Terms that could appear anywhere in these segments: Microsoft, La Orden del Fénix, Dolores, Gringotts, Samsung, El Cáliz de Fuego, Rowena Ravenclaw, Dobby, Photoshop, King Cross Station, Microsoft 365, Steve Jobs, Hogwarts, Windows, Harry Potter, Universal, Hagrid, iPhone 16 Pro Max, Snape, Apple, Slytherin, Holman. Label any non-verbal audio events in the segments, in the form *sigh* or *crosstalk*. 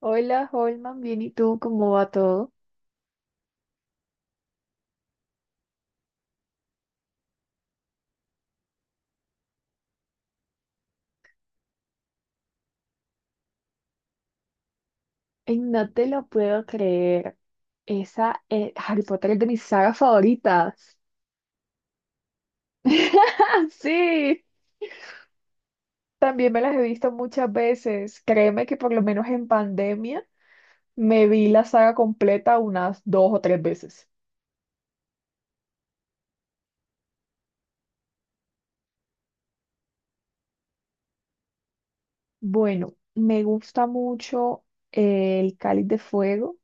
Hola, Holman, bien, ¿y tú? ¿Cómo va todo? Ey, no te lo puedo creer. Esa Harry Potter es de mis sagas favoritas. *laughs* Sí, también me las he visto muchas veces. Créeme que por lo menos en pandemia me vi la saga completa unas dos o tres veces. Bueno, me gusta mucho, El Cáliz de Fuego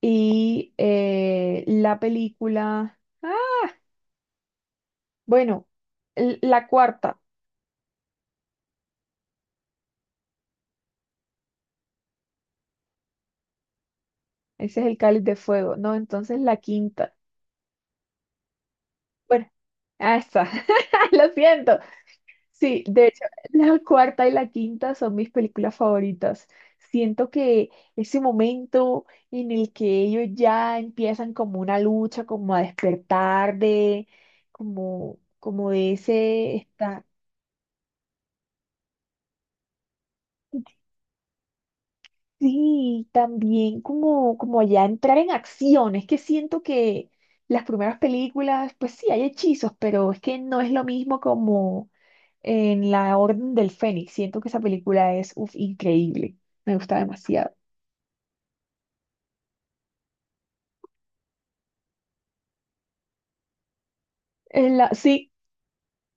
y, la película. Bueno, la cuarta. Ese es El Cáliz de Fuego. No, entonces la quinta. Bueno, está. *laughs* Lo siento. Sí, de hecho, la cuarta y la quinta son mis películas favoritas. Siento que ese momento en el que ellos ya empiezan como una lucha, como a despertar de, como de ese, está. Sí, también como, como ya entrar en acción. Es que siento que las primeras películas, pues sí, hay hechizos, pero es que no es lo mismo como en La Orden del Fénix. Siento que esa película es, uf, increíble. Me gusta demasiado. Sí,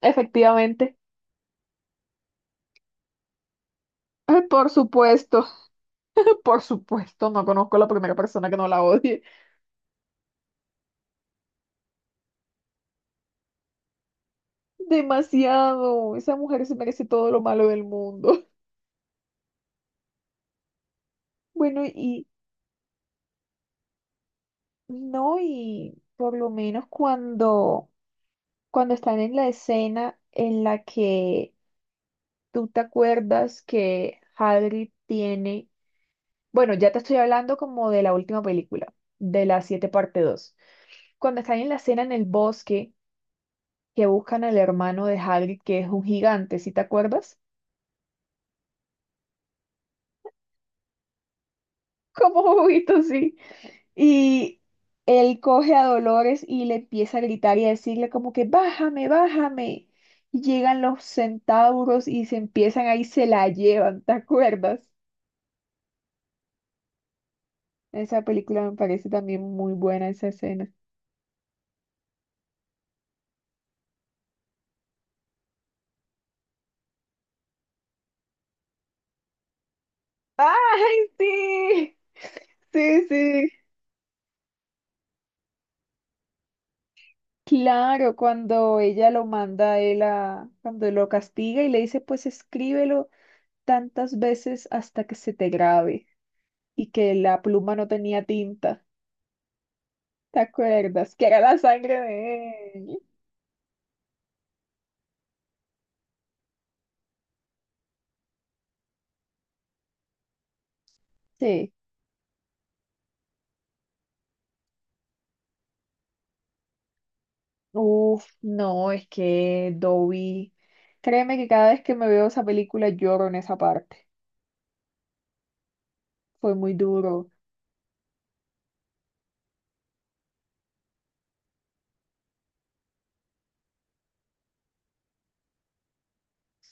efectivamente. Ay, por supuesto, *laughs* por supuesto, no conozco a la primera persona que no la odie. Demasiado. Esa mujer se merece todo lo malo del mundo. *laughs* Bueno, y no, y por lo menos cuando... cuando están en la escena en la que tú te acuerdas que Hagrid tiene, bueno, ya te estoy hablando como de la última película, de la 7 parte 2. Cuando están en la escena en el bosque que buscan al hermano de Hagrid, que es un gigante, ¿sí te acuerdas? *laughs* Como juguito, sí. Y él coge a Dolores y le empieza a gritar y a decirle como que bájame, bájame. Y llegan los centauros y se empiezan ahí, se la llevan, ¿te acuerdas? Esa película me parece también muy buena esa escena. ¡Ay, sí! Sí, sí. Claro, cuando ella lo manda a él cuando lo castiga y le dice, pues escríbelo tantas veces hasta que se te grabe y que la pluma no tenía tinta. ¿Te acuerdas? Que era la sangre de él. Sí. Uf, no, es que Dobby, créeme que cada vez que me veo esa película lloro en esa parte. Fue muy duro.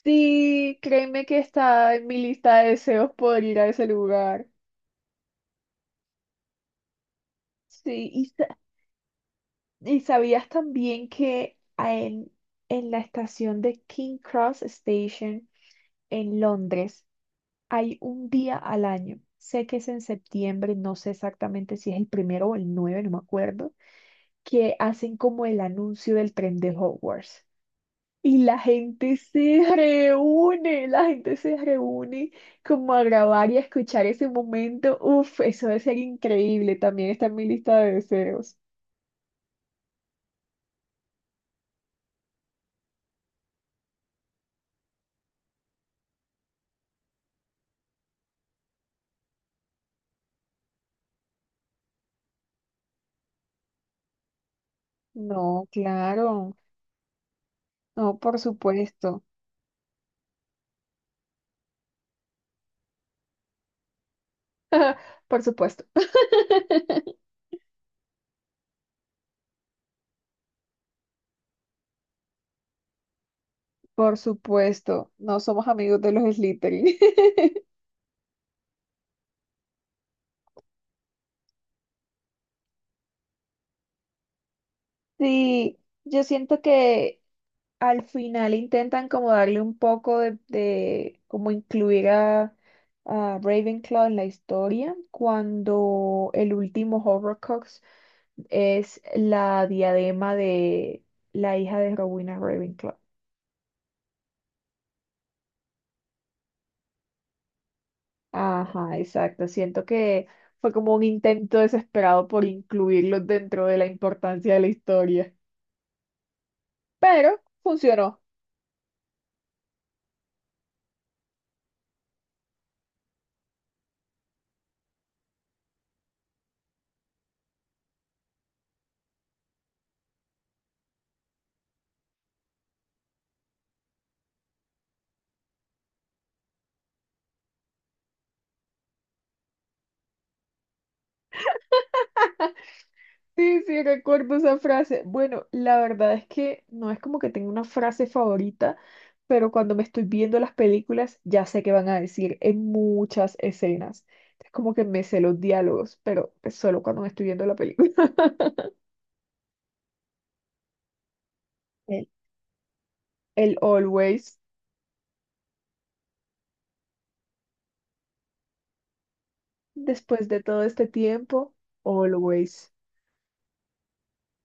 Sí, créeme que está en mi lista de deseos poder ir a ese lugar. Sí, y, y sabías también que en la estación de King Cross Station en Londres hay un día al año, sé que es en septiembre, no sé exactamente si es el 1 o el 9, no me acuerdo, que hacen como el anuncio del tren de Hogwarts. Y la gente se reúne como a grabar y a escuchar ese momento. Uf, eso debe ser increíble. También está en mi lista de deseos. No, claro. No, por supuesto. *laughs* Por supuesto. *laughs* Por supuesto. No somos amigos de los Slytherin. *laughs* Sí, yo siento que al final intentan como darle un poco como incluir a Ravenclaw en la historia cuando el último Horrocrux es la diadema de la hija de Rowena Ravenclaw. Ajá, exacto. Siento que fue como un intento desesperado por incluirlos dentro de la importancia de la historia, pero funcionó. Sí, sí, recuerdo esa frase. Bueno, la verdad es que no es como que tenga una frase favorita, pero cuando me estoy viendo las películas ya sé qué van a decir en muchas escenas. Es como que me sé los diálogos, pero es solo cuando me estoy viendo la película. *laughs* El, el always, después de todo este tiempo, always.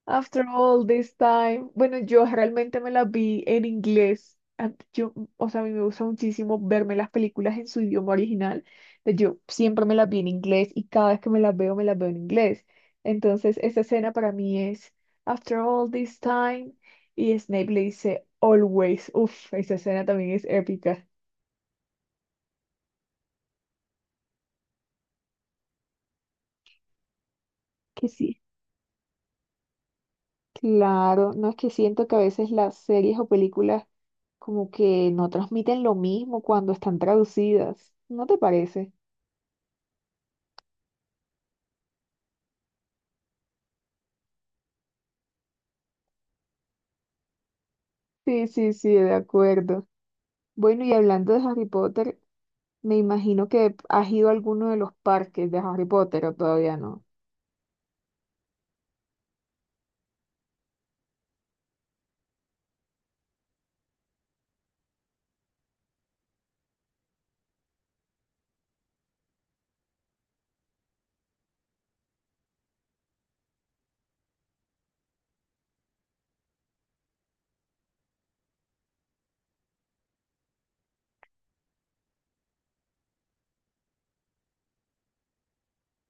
After all this time, bueno, yo realmente me las vi en inglés. Yo, o sea, a mí me gusta muchísimo verme las películas en su idioma original. Entonces, yo siempre me las vi en inglés y cada vez que me las veo en inglés. Entonces, esta escena para mí es After all this time y Snape le dice Always. Uf, esa escena también es épica. Que sí. Claro, no es que siento que a veces las series o películas como que no transmiten lo mismo cuando están traducidas, ¿no te parece? Sí, sí, sí, de acuerdo. Bueno, y hablando de Harry Potter, me imagino que has ido a alguno de los parques de Harry Potter o todavía no.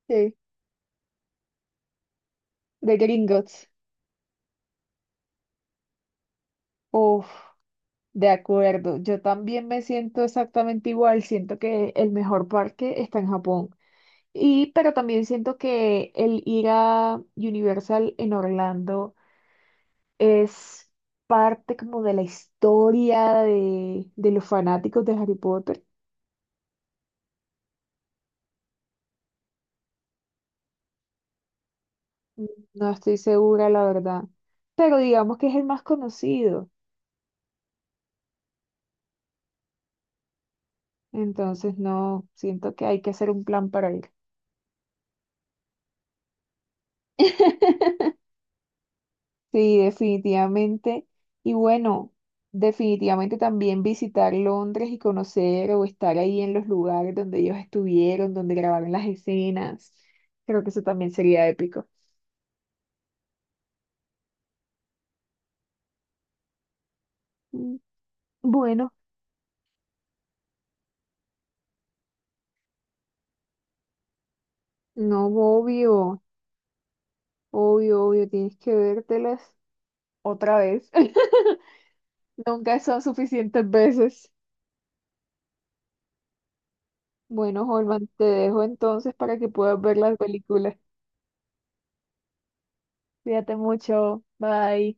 Sí, de Gringotts. Uf, de acuerdo. Yo también me siento exactamente igual. Siento que el mejor parque está en Japón. Y, pero también siento que el ir a Universal en Orlando es parte como de la historia de los fanáticos de Harry Potter. No estoy segura, la verdad. Pero digamos que es el más conocido. Entonces, no, siento que hay que hacer un plan para ir. *laughs* Sí, definitivamente. Y bueno, definitivamente también visitar Londres y conocer o estar ahí en los lugares donde ellos estuvieron, donde grabaron las escenas. Creo que eso también sería épico. Mm. Bueno, no, obvio. Obvio, obvio, tienes que vértelas otra vez. *laughs* Nunca son suficientes veces. Bueno, Holman, te dejo entonces para que puedas ver las películas. Cuídate mucho. Bye.